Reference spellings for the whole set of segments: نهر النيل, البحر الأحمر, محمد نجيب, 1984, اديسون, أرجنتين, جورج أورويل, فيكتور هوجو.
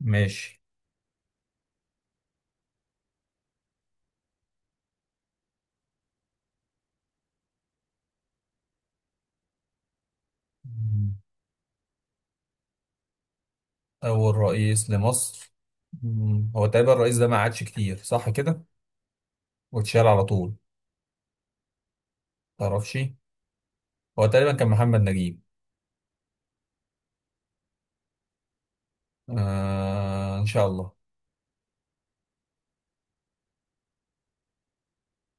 ماشي. مم. أول رئيس لمصر. هو تقريبا الرئيس ده ما قعدش كتير، صح كده، واتشال على طول. متعرفش. هو تقريبا كان محمد نجيب. آه، إن شاء الله.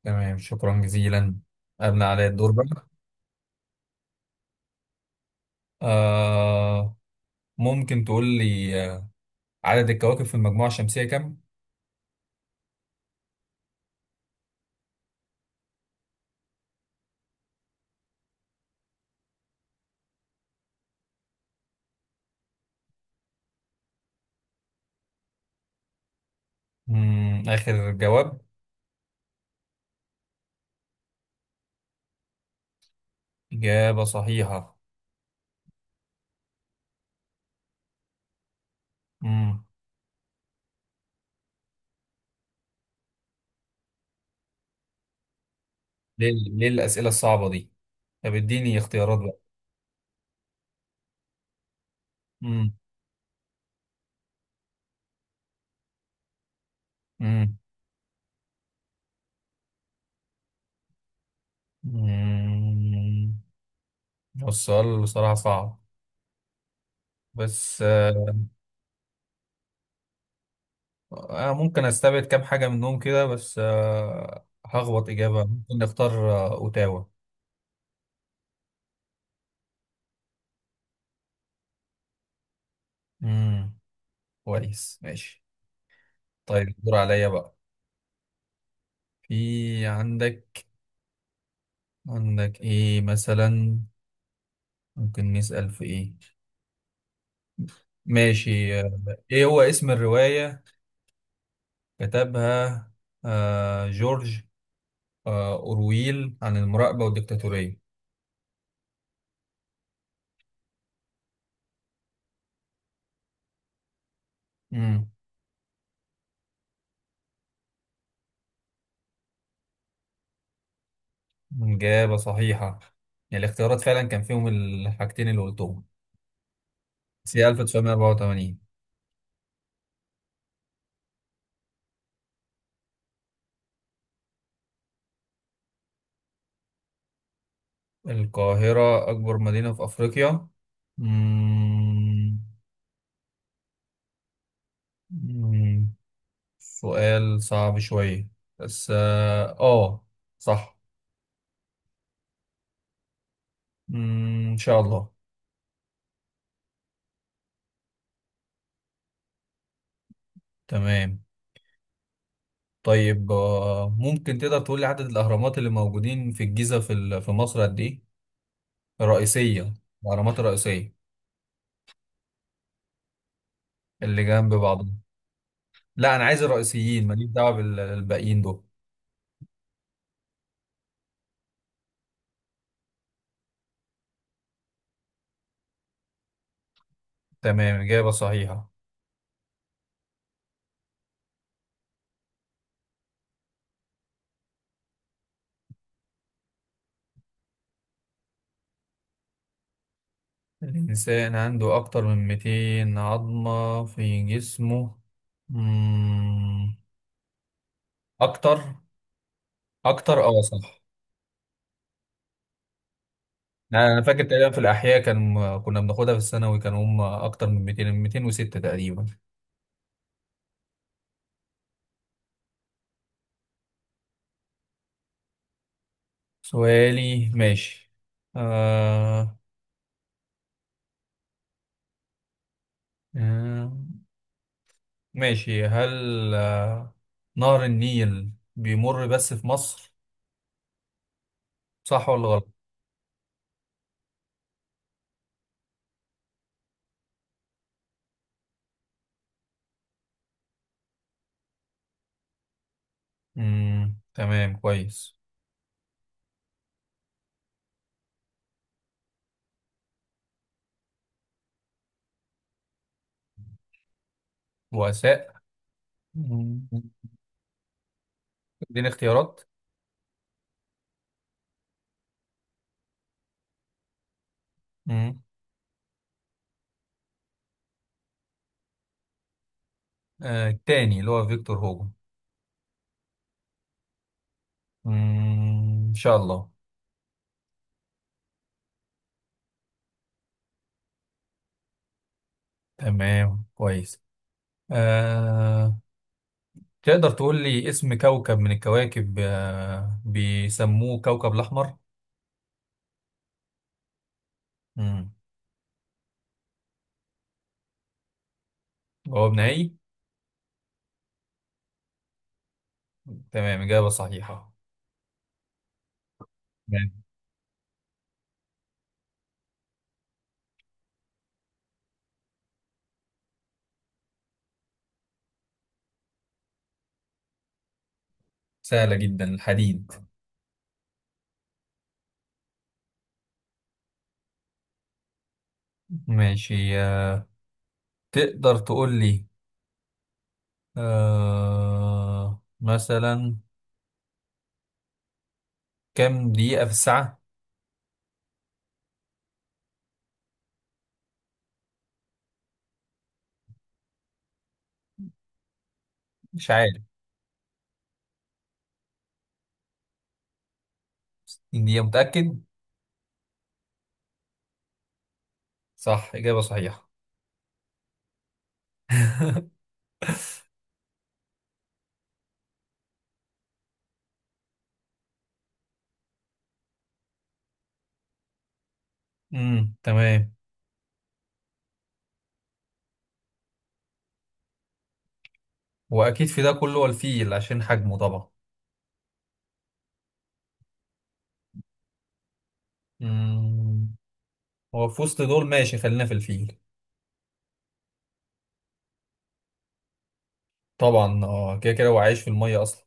تمام، شكرا جزيلا. أبنى علي الدور بقى. آه ممكن تقول لي عدد الكواكب في المجموعة الشمسية كم؟ مم. آخر جواب. إجابة صحيحة. مم. ليه ليه الأسئلة الصعبة دي؟ طب اديني اختيارات بقى. مم. مم. مم. هو السؤال بصراحة صعب، بس أنا ممكن أستبعد كام حاجة منهم كده، بس هخبط إجابة، ممكن نختار أوتاوا. امم كويس، ماشي. طيب الدور عليا بقى. في عندك عندك إيه مثلا؟ ممكن نسأل في إيه؟ ماشي. إيه هو اسم الرواية كتبها جورج أورويل عن المراقبة والديكتاتورية؟ مم. إجابة صحيحة. يعني الاختيارات فعلا كان فيهم الحاجتين اللي قلتهم، بس هي 1984. القاهرة أكبر مدينة في أفريقيا. مم... مم... سؤال صعب شوية، بس صح. إن شاء الله. تمام. طيب ممكن تقدر تقول لي عدد الأهرامات اللي موجودين في الجيزة في في مصر قد إيه؟ الرئيسية. الأهرامات الرئيسية. اللي جنب بعض. لا، انا عايز الرئيسيين، ماليش دعوه بالباقيين دول. تمام، اجابه صحيحه. الانسان عنده اكتر من 200 عظمه في جسمه. مم. اكتر. اكتر، اه، صح. انا فاكر تقريبا في الاحياء، كان كنا بناخدها في الثانوي، كان هم اكتر من 200، 206 تقريبا. سؤالي ماشي. آه... آه... ماشي. هل نهر النيل بيمر بس في مصر، صح ولا غلط؟ تمام، كويس. بؤساء. مم. اديني اختيارات. مم. التاني اللي هو فيكتور هوجو. ان شاء الله. تمام، كويس. آه تقدر تقول لي اسم كوكب من الكواكب بيسموه كوكب الأحمر. مم. جواب نهائي. تمام، إجابة صحيحة. تمام. سهلة جدا، الحديد. ماشي. تقدر تقول لي مثلا كم دقيقة في الساعة؟ مش عارف. اني متأكد. صح، إجابة صحيحة. تمام. واكيد في ده كله هو الفيل عشان حجمه طبعا. امم هو في وسط دول، ماشي، خلينا في الفيل. طبعا اه، كده كده هو عايش في المية اصلا.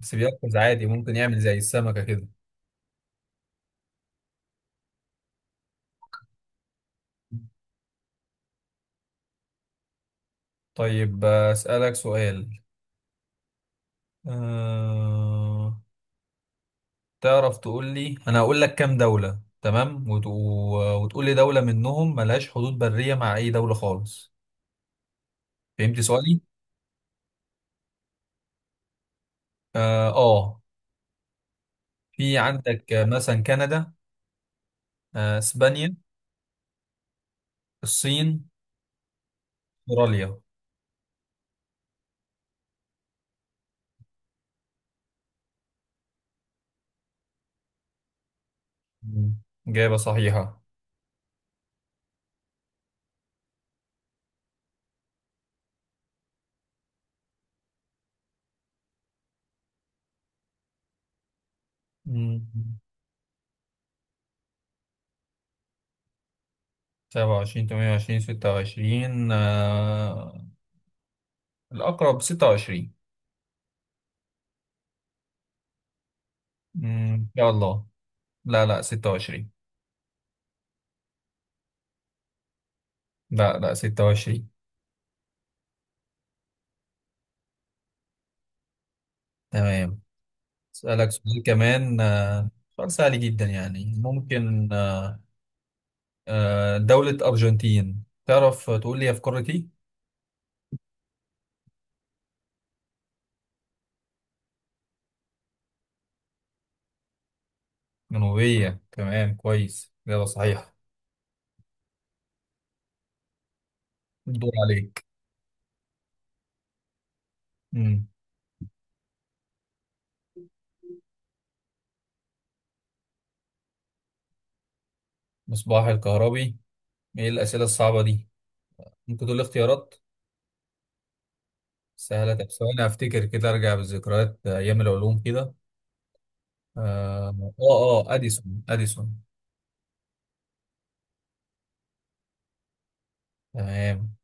بس بيقفز عادي، ممكن يعمل زي السمكة كده. طيب اسألك سؤال. أه... تعرف تقول لي، انا هقول لك كام دولة تمام وتقول لي دولة منهم ملهاش حدود برية مع اي دولة خالص. فهمت سؤالي؟ اه، آه. في عندك مثلا كندا، اسبانيا، الصين، استراليا. مم. إجابة صحيحة. مم. 27، 28، 26، الأقرب 26. إن شاء الله. لا لا 26. لا لا 26. تمام. أسألك سؤال كمان، سؤال سهل جدا يعني، ممكن دولة أرجنتين تعرف تقول لي هي في قارة إيه؟ جنوبية. تمام، كويس، إجابة صحيحة. الدور عليك. مصباح الكهربي؟ ايه الأسئلة الصعبة دي؟ ممكن تقول لي اختيارات؟ سهلة؟ طب ثواني افتكر كده، ارجع بالذكريات ايام العلوم كده. اه اه، اديسون، اديسون. تمام.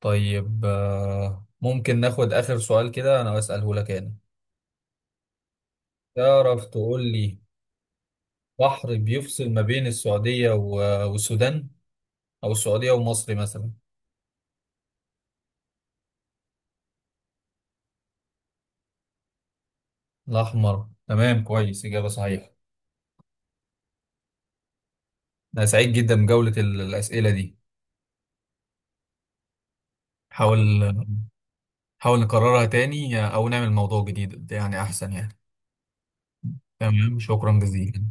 طيب ممكن ناخد اخر سؤال كده، انا اساله لك انا. تعرف تقول لي، بحر بيفصل ما بين السعودية والسودان، او السعودية ومصر مثلا. الاحمر، تمام، كويس، اجابة صحيحة. انا سعيد جدا بجولة الأسئلة دي. حاول حاول نكررها تاني او نعمل موضوع جديد يعني، احسن يعني. تمام، شكرا جزيلا.